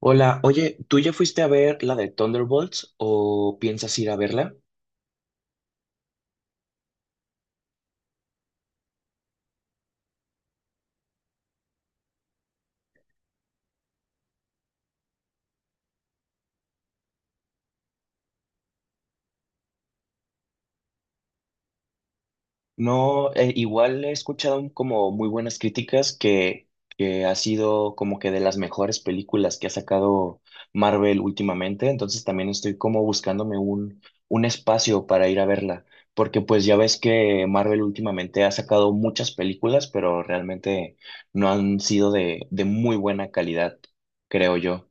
Hola, oye, ¿tú ya fuiste a ver la de Thunderbolts o piensas ir a verla? No, igual he escuchado como muy buenas críticas que ha sido como que de las mejores películas que ha sacado Marvel últimamente, entonces también estoy como buscándome un espacio para ir a verla, porque pues ya ves que Marvel últimamente ha sacado muchas películas, pero realmente no han sido de muy buena calidad, creo yo.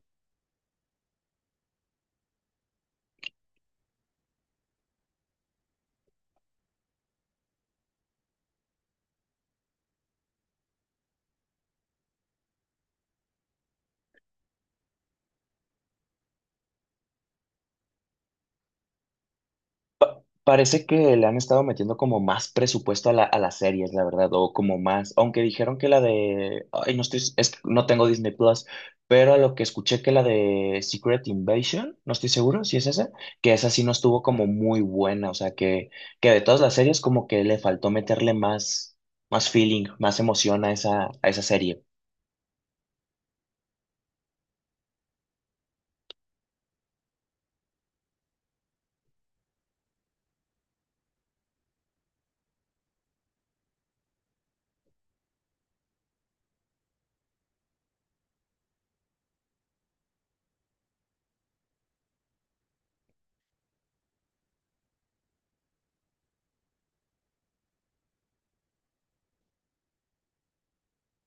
Parece que le han estado metiendo como más presupuesto a a las series, la verdad, o como más, aunque dijeron que la de, ay, no estoy, es que no tengo Disney Plus, pero a lo que escuché que la de Secret Invasion, no estoy seguro si es esa, que esa sí no estuvo como muy buena, o sea, que de todas las series como que le faltó meterle más, más feeling, más emoción a esa serie.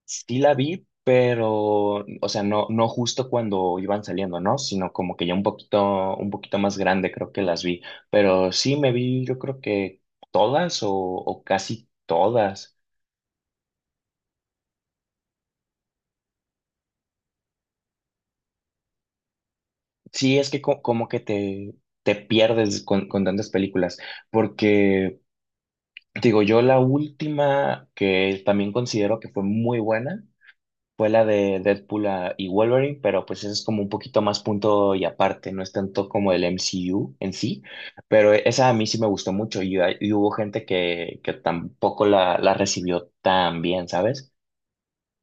Sí la vi, pero, o sea, no, no justo cuando iban saliendo, ¿no? Sino como que ya un poquito más grande creo que las vi. Pero sí me vi, yo creo que todas o casi todas. Sí, es que te pierdes con tantas películas. Porque, digo, yo la última que también considero que fue muy buena fue la de Deadpool ah, y Wolverine, pero pues eso es como un poquito más punto y aparte, no es tanto como el MCU en sí, pero esa a mí sí me gustó mucho y y hubo gente que tampoco la recibió tan bien, ¿sabes?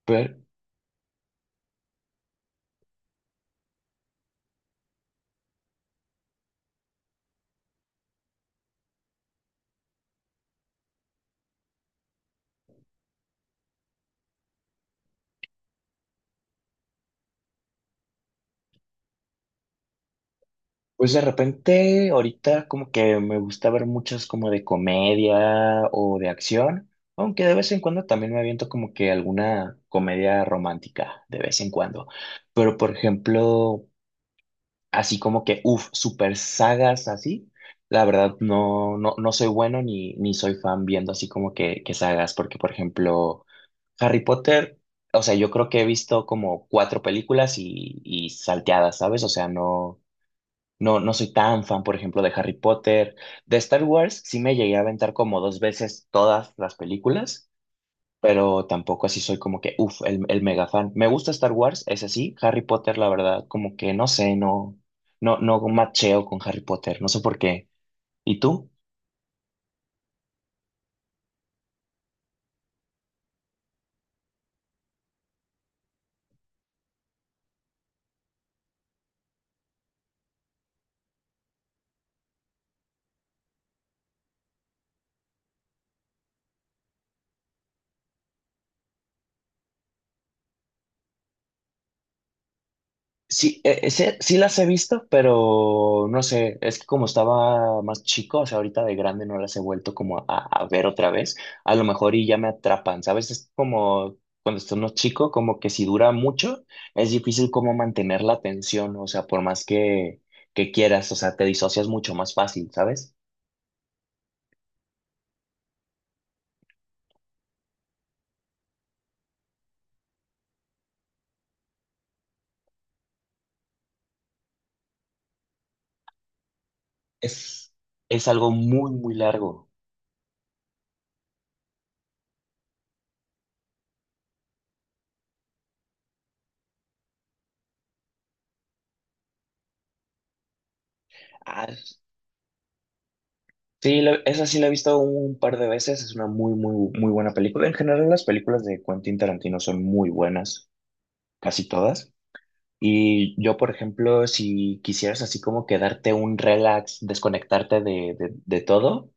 Pero pues de repente ahorita como que me gusta ver muchas como de comedia o de acción, aunque de vez en cuando también me aviento como que alguna comedia romántica, de vez en cuando. Pero por ejemplo, así como que uff, super sagas así. La verdad, no, no, no soy bueno ni soy fan viendo así como que sagas, porque por ejemplo, Harry Potter, o sea, yo creo que he visto como cuatro películas y salteadas, ¿sabes? O sea, no, no, no soy tan fan, por ejemplo, de Harry Potter. De Star Wars, sí me llegué a aventar como dos veces todas las películas pero tampoco así soy como que uff, el mega fan. Me gusta Star Wars, es así. Harry Potter, la verdad, como que no sé, no, no, no macheo con Harry Potter, no sé por qué. ¿Y tú? Sí, sí, sí las he visto, pero no sé, es que como estaba más chico, o sea, ahorita de grande no las he vuelto como a ver otra vez, a lo mejor y ya me atrapan, ¿sabes? Es como cuando estás más chico, como que si dura mucho, es difícil como mantener la atención, o sea, por más que quieras, o sea, te disocias mucho más fácil, ¿sabes? Es, es algo muy, muy largo. Ah, sí, esa sí la he visto un par de veces, es una muy, muy, muy buena película. En general, las películas de Quentin Tarantino son muy buenas, casi todas. Y yo, por ejemplo, si quisieras así como quedarte un relax, desconectarte de todo,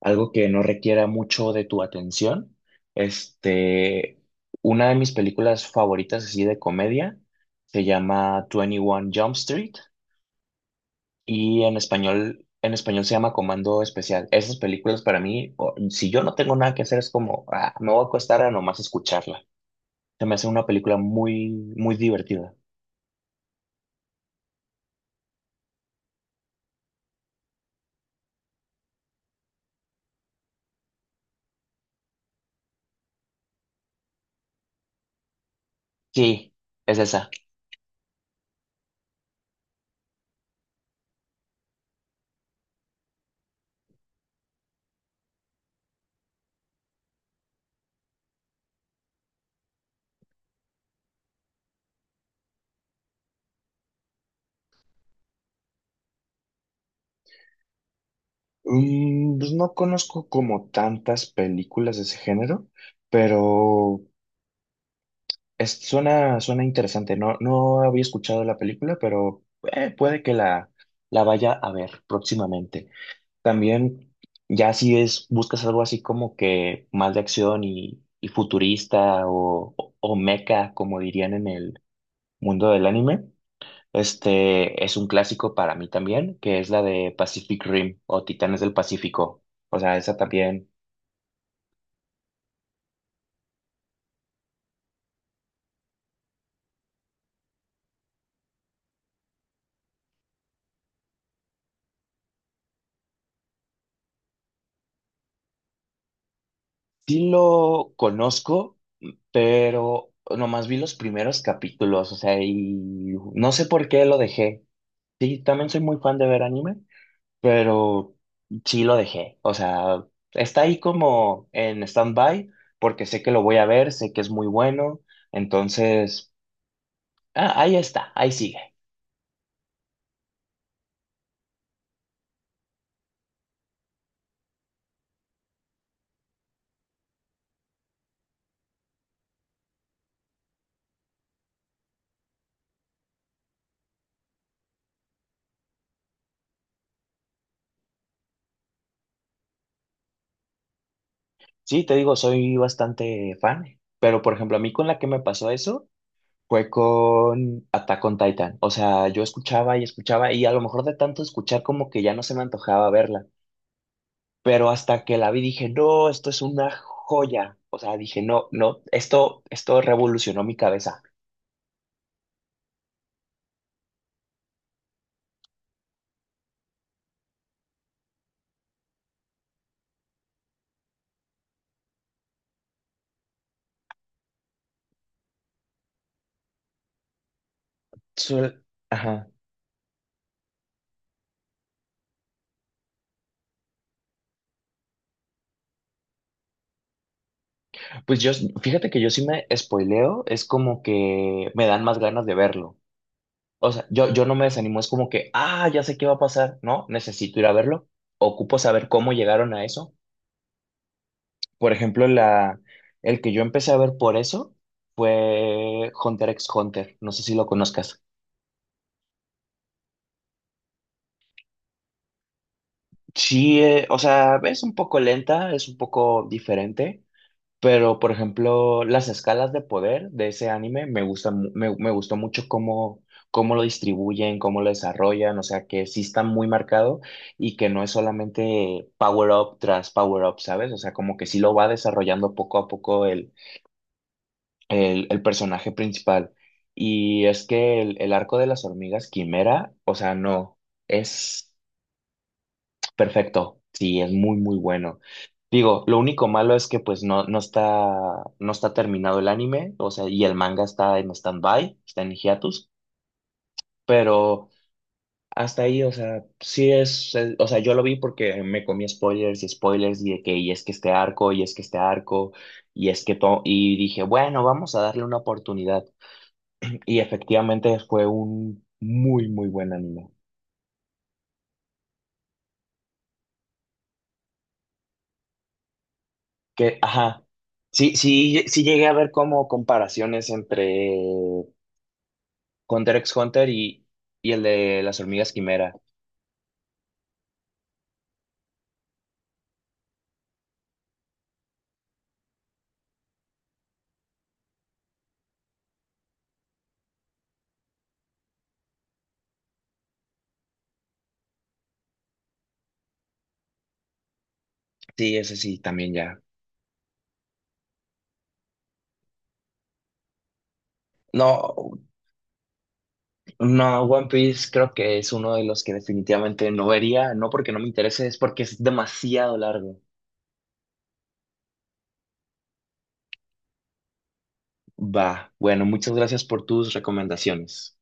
algo que no requiera mucho de tu atención, este, una de mis películas favoritas así de comedia se llama 21 Jump Street. Y en español se llama Comando Especial. Esas películas para mí, si yo no tengo nada que hacer, es como, ah, me voy a acostar a nomás escucharla. Se me hace una película muy, muy divertida. Sí, es esa. Mm, pues no conozco como tantas películas de ese género, pero suena, suena interesante. No, no había escuchado la película, pero puede que la vaya a ver próximamente. También, ya si es, buscas algo así como que más de acción y futurista o mecha, como dirían en el mundo del anime, este es un clásico para mí también, que es la de Pacific Rim o Titanes del Pacífico. O sea, esa también sí lo conozco, pero nomás vi los primeros capítulos, o sea, y no sé por qué lo dejé. Sí, también soy muy fan de ver anime, pero sí lo dejé. O sea, está ahí como en stand-by porque sé que lo voy a ver, sé que es muy bueno. Entonces, ah, ahí está, ahí sigue. Sí, te digo, soy bastante fan, pero por ejemplo, a mí con la que me pasó eso fue con Attack on Titan. O sea, yo escuchaba y escuchaba y a lo mejor de tanto escuchar como que ya no se me antojaba verla. Pero hasta que la vi dije, no, esto es una joya. O sea, dije, no, no, esto revolucionó mi cabeza. Suel- Ajá. Pues yo, fíjate que yo sí me spoileo, es como que me dan más ganas de verlo. O sea, yo no me desanimo, es como que, ah, ya sé qué va a pasar, ¿no? Necesito ir a verlo. Ocupo saber cómo llegaron a eso. Por ejemplo, el que yo empecé a ver por eso fue Hunter x Hunter, no sé si lo conozcas. Sí, o sea, es un poco lenta, es un poco diferente. Pero, por ejemplo, las escalas de poder de ese anime me gustan, me gustó mucho cómo lo distribuyen, cómo lo desarrollan, o sea, que sí está muy marcado y que no es solamente power up tras power up, ¿sabes? O sea, como que sí lo va desarrollando poco a poco el personaje principal. Y es que el arco de las hormigas quimera, o sea, no, es. Perfecto, sí, es muy, muy bueno. Digo, lo único malo es que pues no, no está, no está terminado el anime, o sea, y el manga está en stand-by, está en hiatus, pero hasta ahí, o sea, o sea, yo lo vi porque me comí spoilers y spoilers y de que, y es que este arco, y es que este arco, y es que todo, y dije, bueno, vamos a darle una oportunidad. Y efectivamente fue un muy, muy buen anime. Que, ajá. Sí, sí, sí llegué a ver como comparaciones entre Hunter x Hunter y el de las hormigas quimera. Sí, ese sí, también ya. No, no, One Piece creo que es uno de los que definitivamente no vería, no porque no me interese, es porque es demasiado largo. Va, bueno, muchas gracias por tus recomendaciones.